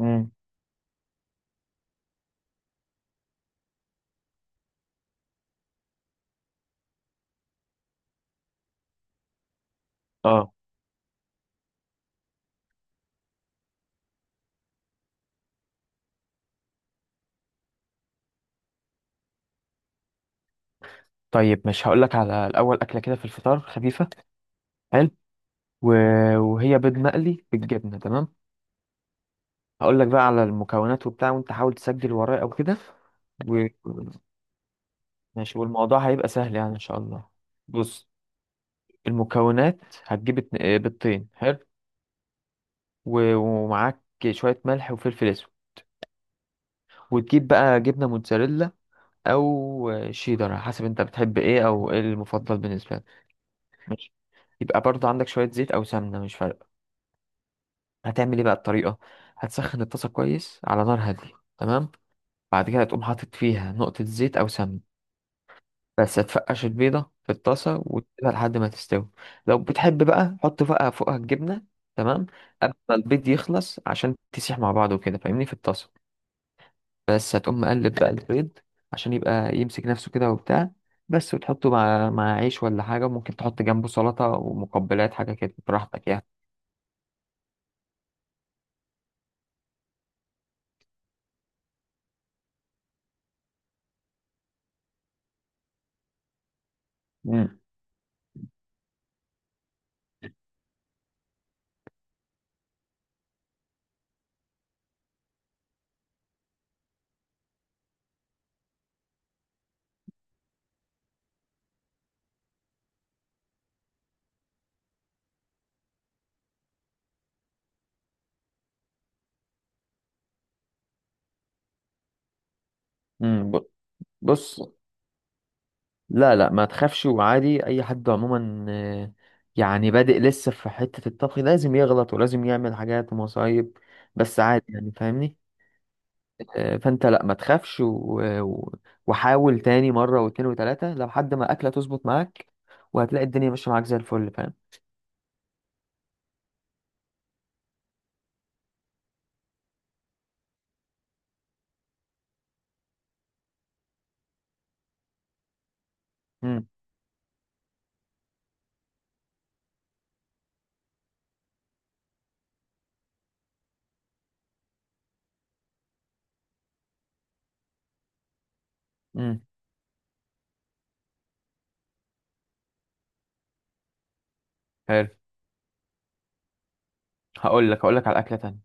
امم. اه. طيب، مش هقول لك على الاول اكله كده في الفطار خفيفه. حلو. و... وهي بيض مقلي بالجبنه. تمام. هقول لك بقى على المكونات وبتاع، وانت حاول تسجل ورايا او كده. و... ماشي، والموضوع هيبقى سهل يعني ان شاء الله. بص، المكونات. هتجيب بيضتين. حلو. ومعاك شويه ملح وفلفل اسود، وتجيب بقى جبنه موتزاريلا او شيدر على حسب انت بتحب ايه، او ايه المفضل بالنسبه لك. ماشي. يبقى برضه عندك شويه زيت او سمنه، مش فارقه. هتعمل ايه بقى الطريقة؟ هتسخن الطاسة كويس على نار هادية. تمام. بعد كده تقوم حاطط فيها نقطة زيت أو سمن. بس هتفقش البيضة في الطاسة وتسيبها لحد ما تستوي. لو بتحب بقى، حط بقى فوقها الجبنة. تمام. قبل ما البيض يخلص، عشان تسيح مع بعضه كده فاهمني في الطاسة. بس هتقوم مقلب بقى البيض عشان يبقى يمسك نفسه كده وبتاع. بس، وتحطه مع عيش ولا حاجة، وممكن تحط جنبه سلطة ومقبلات، حاجة كده براحتك يعني. مم. مم. بص، لا لا ما تخافش. وعادي اي حد عموما، يعني بادئ لسه في حتة الطبخ لازم يغلط ولازم يعمل حاجات ومصايب. بس عادي يعني فاهمني. فانت لا ما تخافش، وحاول تاني مرة واتنين وتلاتة لحد ما اكلة تظبط معاك. وهتلاقي الدنيا ماشية معاك زي الفل، فاهم. امم. امم. حلو. هقول لك على اكلة تانية.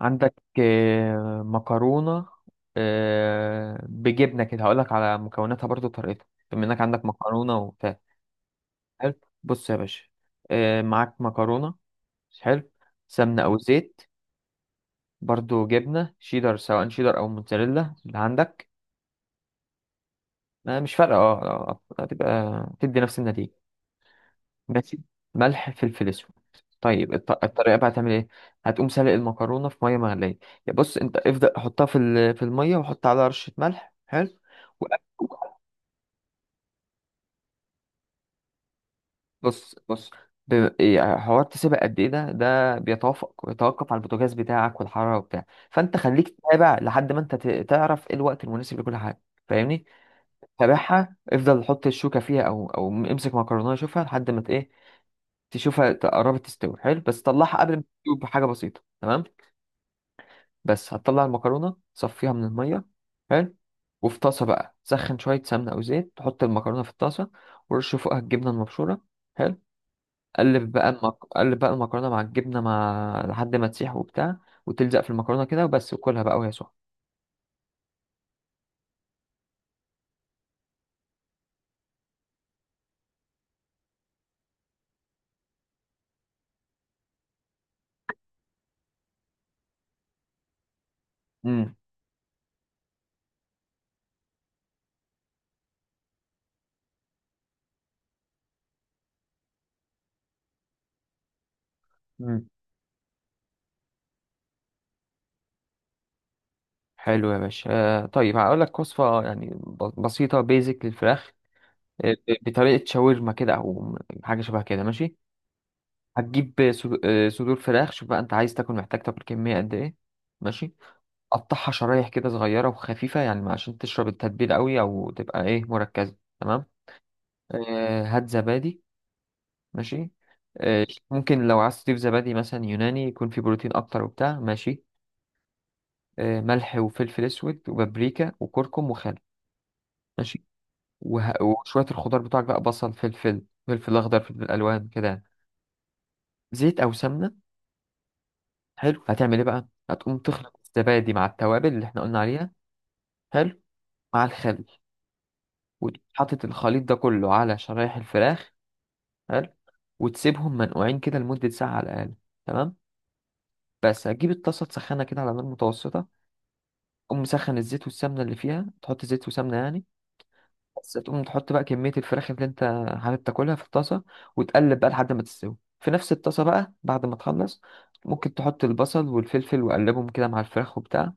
عندك مكرونة، بجبنة كده. هقول لك على مكوناتها برضو وطريقتها بما انك عندك مكرونة وبتاع. حلو. بص يا باشا، معاك مكرونة. حلو. سمنة أو زيت. برضو جبنة شيدر، سواء شيدر أو موتزاريلا اللي عندك. مش فارقة، اه. هتبقى تدي نفس النتيجة. ماشي. ملح، فلفل أسود. طيب، الطريقة بقى هتعمل ايه؟ هتقوم سلق المكرونة في مية مغلية. يا بص، انت ابدأ حطها في المية وحط عليها رشة ملح. حلو. بص، بص، ب- إيه، حوار تسيبها قد ايه ده، بيتوقف على البوتاجاز بتاعك والحراره وبتاع. فانت خليك تتابع لحد ما انت تعرف ايه الوقت المناسب لكل حاجه، فاهمني. تابعها، افضل حط الشوكه فيها، او امسك مكرونه شوفها لحد ما ت- ايه تشوفها قربت تستوي. حلو. بس طلعها قبل ما تستوي بحاجه بسيطه. تمام. بس هتطلع المكرونه، صفيها من الميه. حلو. وفي طاسه بقى، سخن شويه سمنه او زيت، تحط المكرونه في الطاسه، ورش فوقها الجبنه المبشوره. حلو. قلب بقى المكرونه مع الجبنه، مع لحد ما تسيح وبتاع وتلزق في المكرونه كده. وبس، وكلها بقى وهي سخنه. امم. امم. حلو يا باشا. طيب، هقول لك وصفه يعني بسيطه بيزك للفراخ، بطريقه شاورما كده او حاجه شبه كده. ماشي. هتجيب صدور فراخ. شوف بقى انت عايز تاكل، محتاج تاكل كميه قد ايه. ماشي. قطعها شرايح كده صغيره وخفيفه، يعني عشان تشرب التتبيله قوي، او تبقى ايه، مركزه. تمام. هات زبادي. ماشي. ممكن لو عايز تضيف زبادي مثلا يوناني، يكون فيه بروتين اكتر وبتاع. ماشي. ملح وفلفل اسود وبابريكا وكركم وخل. ماشي. وشويه الخضار بتوعك بقى، بصل، فلفل، فلفل اخضر، فلفل الوان كده يعني. زيت او سمنه. حلو. هتعمل ايه بقى؟ هتقوم تخلط الزبادي مع التوابل اللي احنا قلنا عليها. حلو. مع الخل، وحاطط الخليط ده كله على شرايح الفراخ. حلو. وتسيبهم منقوعين كده لمده ساعه على الاقل. تمام. بس هتجيب الطاسه تسخنها كده على نار متوسطه. تقوم مسخن الزيت والسمنة اللي فيها، تحط زيت وسمنة يعني. بس تقوم تحط بقى كمية الفراخ اللي انت حابب تاكلها في الطاسة، وتقلب بقى لحد ما تستوي. في نفس الطاسة بقى، بعد ما تخلص، ممكن تحط البصل والفلفل وقلبهم كده مع الفراخ وبتاع.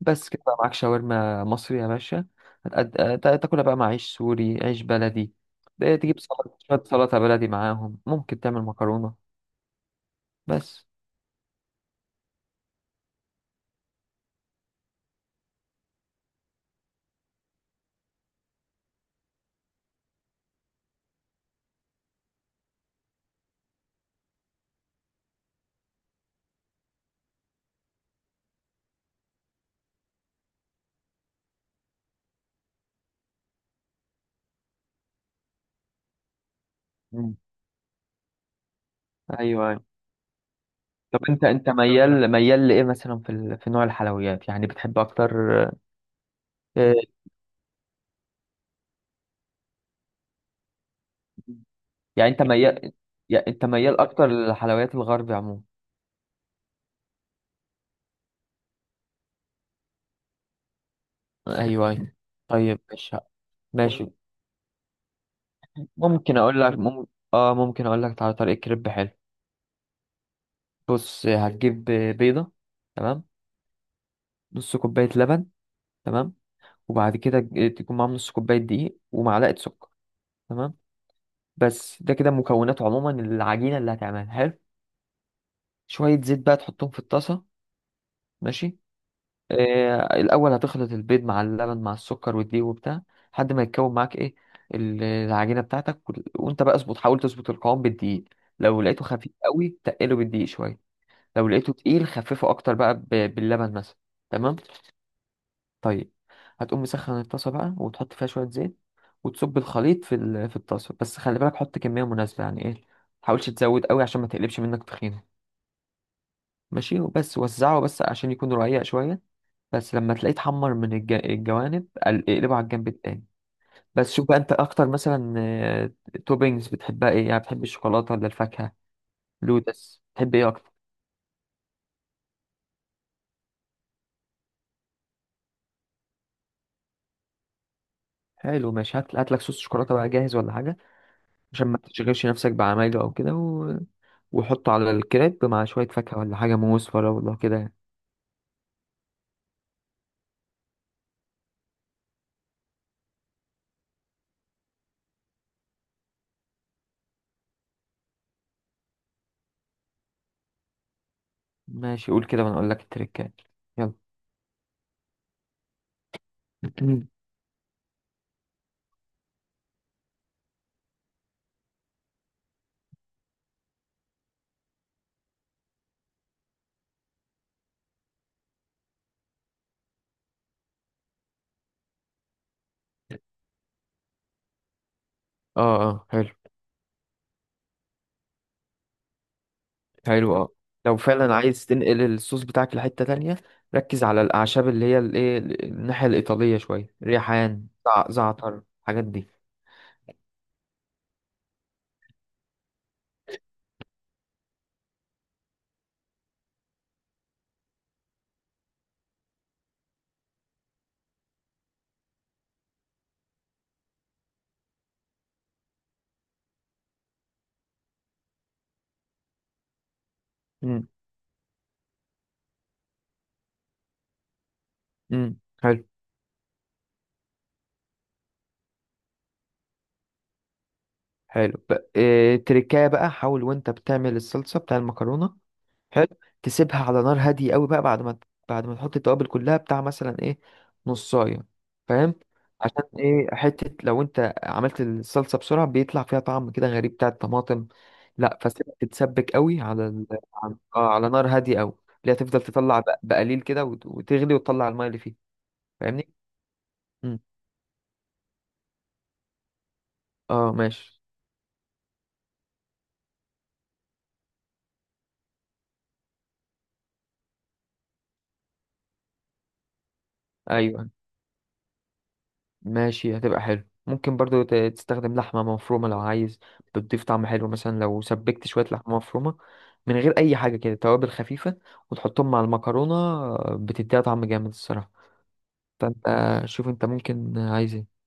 بس كده بقى معاك شاورما مصري يا باشا. تاكلها بقى مع عيش سوري، عيش بلدي. ده تجيب سلطة، شوية سلطة بلدي معاهم. ممكن تعمل مكرونة. بس. مم. ايوه، أيوة. طب، انت انت ميال ميال لايه مثلا في نوع الحلويات، يعني بتحب اكتر؟ آه، يعني انت ميال، اكتر للحلويات الغربي عموما. ايوه، ايوه. طيب، ماشي. ماشي. ممكن اقول لك اه، ممكن اقول لك على طريقه كريب حلو. بص، هتجيب بيضه. تمام. نص كوبايه لبن. تمام. وبعد كده، تكون معاهم نص كوبايه دقيق ومعلقه سكر. تمام. بس ده كده مكونات عموما العجينه اللي هتعملها. حلو. شويه زيت بقى تحطهم في الطاسه. ماشي. الاول هتخلط البيض مع اللبن مع السكر والدقيق وبتاع لحد ما يتكون معاك ايه، العجينه بتاعتك. وانت بقى اظبط، حاول تظبط القوام بالدقيق. لو لقيته خفيف قوي، تقله بالدقيق شويه. لو لقيته تقيل، خففه اكتر بقى باللبن مثلا. تمام. طيب، هتقوم مسخن الطاسه بقى وتحط فيها شويه زيت، وتصب الخليط في الطاسه. بس خلي بالك، حط كميه مناسبه، يعني ايه، ما تحاولش تزود قوي عشان ما تقلبش منك تخينه. ماشي. وبس، وزعه بس عشان يكون رقيق شويه. بس لما تلاقيه اتحمر من الجوانب، اقلبه على الجنب التاني. بس شوف بقى انت اكتر مثلا، توبينجز بتحبها ايه، يعني بتحب الشوكولاته ولا الفاكهه، لوتس، بتحب ايه اكتر؟ حلو. ماشي. هات لك صوص شوكولاته بقى جاهز ولا حاجه، عشان ما تشغلش نفسك بعمايله او كده. وحطه على الكريب مع شويه فاكهه ولا حاجه، موز، فراوله كده يعني. ماشي، قول كده وانا اقول لك التريكات. يلا. اه، اه، حلو. حلو، اه. لو فعلا عايز تنقل الصوص بتاعك لحتة تانية، ركز على الأعشاب، اللي هي الإيه، الناحية الإيطالية، شوية ريحان، زعتر، الحاجات دي. مم. مم. حلو. حلو، تريكاية بقى، حاول وأنت بتعمل الصلصة بتاع المكرونة. حلو. تسيبها على نار هاديه قوي بقى بعد ما تحط التوابل كلها بتاع، مثلا ايه، نصايه، فاهم. عشان ايه، حته لو انت عملت الصلصه بسرعه بيطلع فيها طعم كده غريب بتاع الطماطم. لا، فسيبها تتسبك قوي على ال... على آه، على نار هاديه قوي. اللي هتفضل تطلع بقليل كده وتغلي وتطلع الميه اللي فيها، فاهمني. مم. اه، ماشي. ايوه، ماشي، هتبقى حلو. ممكن برضو تستخدم لحمة مفرومة لو عايز. بتضيف طعم حلو مثلا لو سبكت شوية لحمة مفرومة من غير أي حاجة، كده توابل خفيفة، وتحطهم مع المكرونة. بتديها طعم جامد الصراحة. فأنت شوف، أنت ممكن عايز إيه؟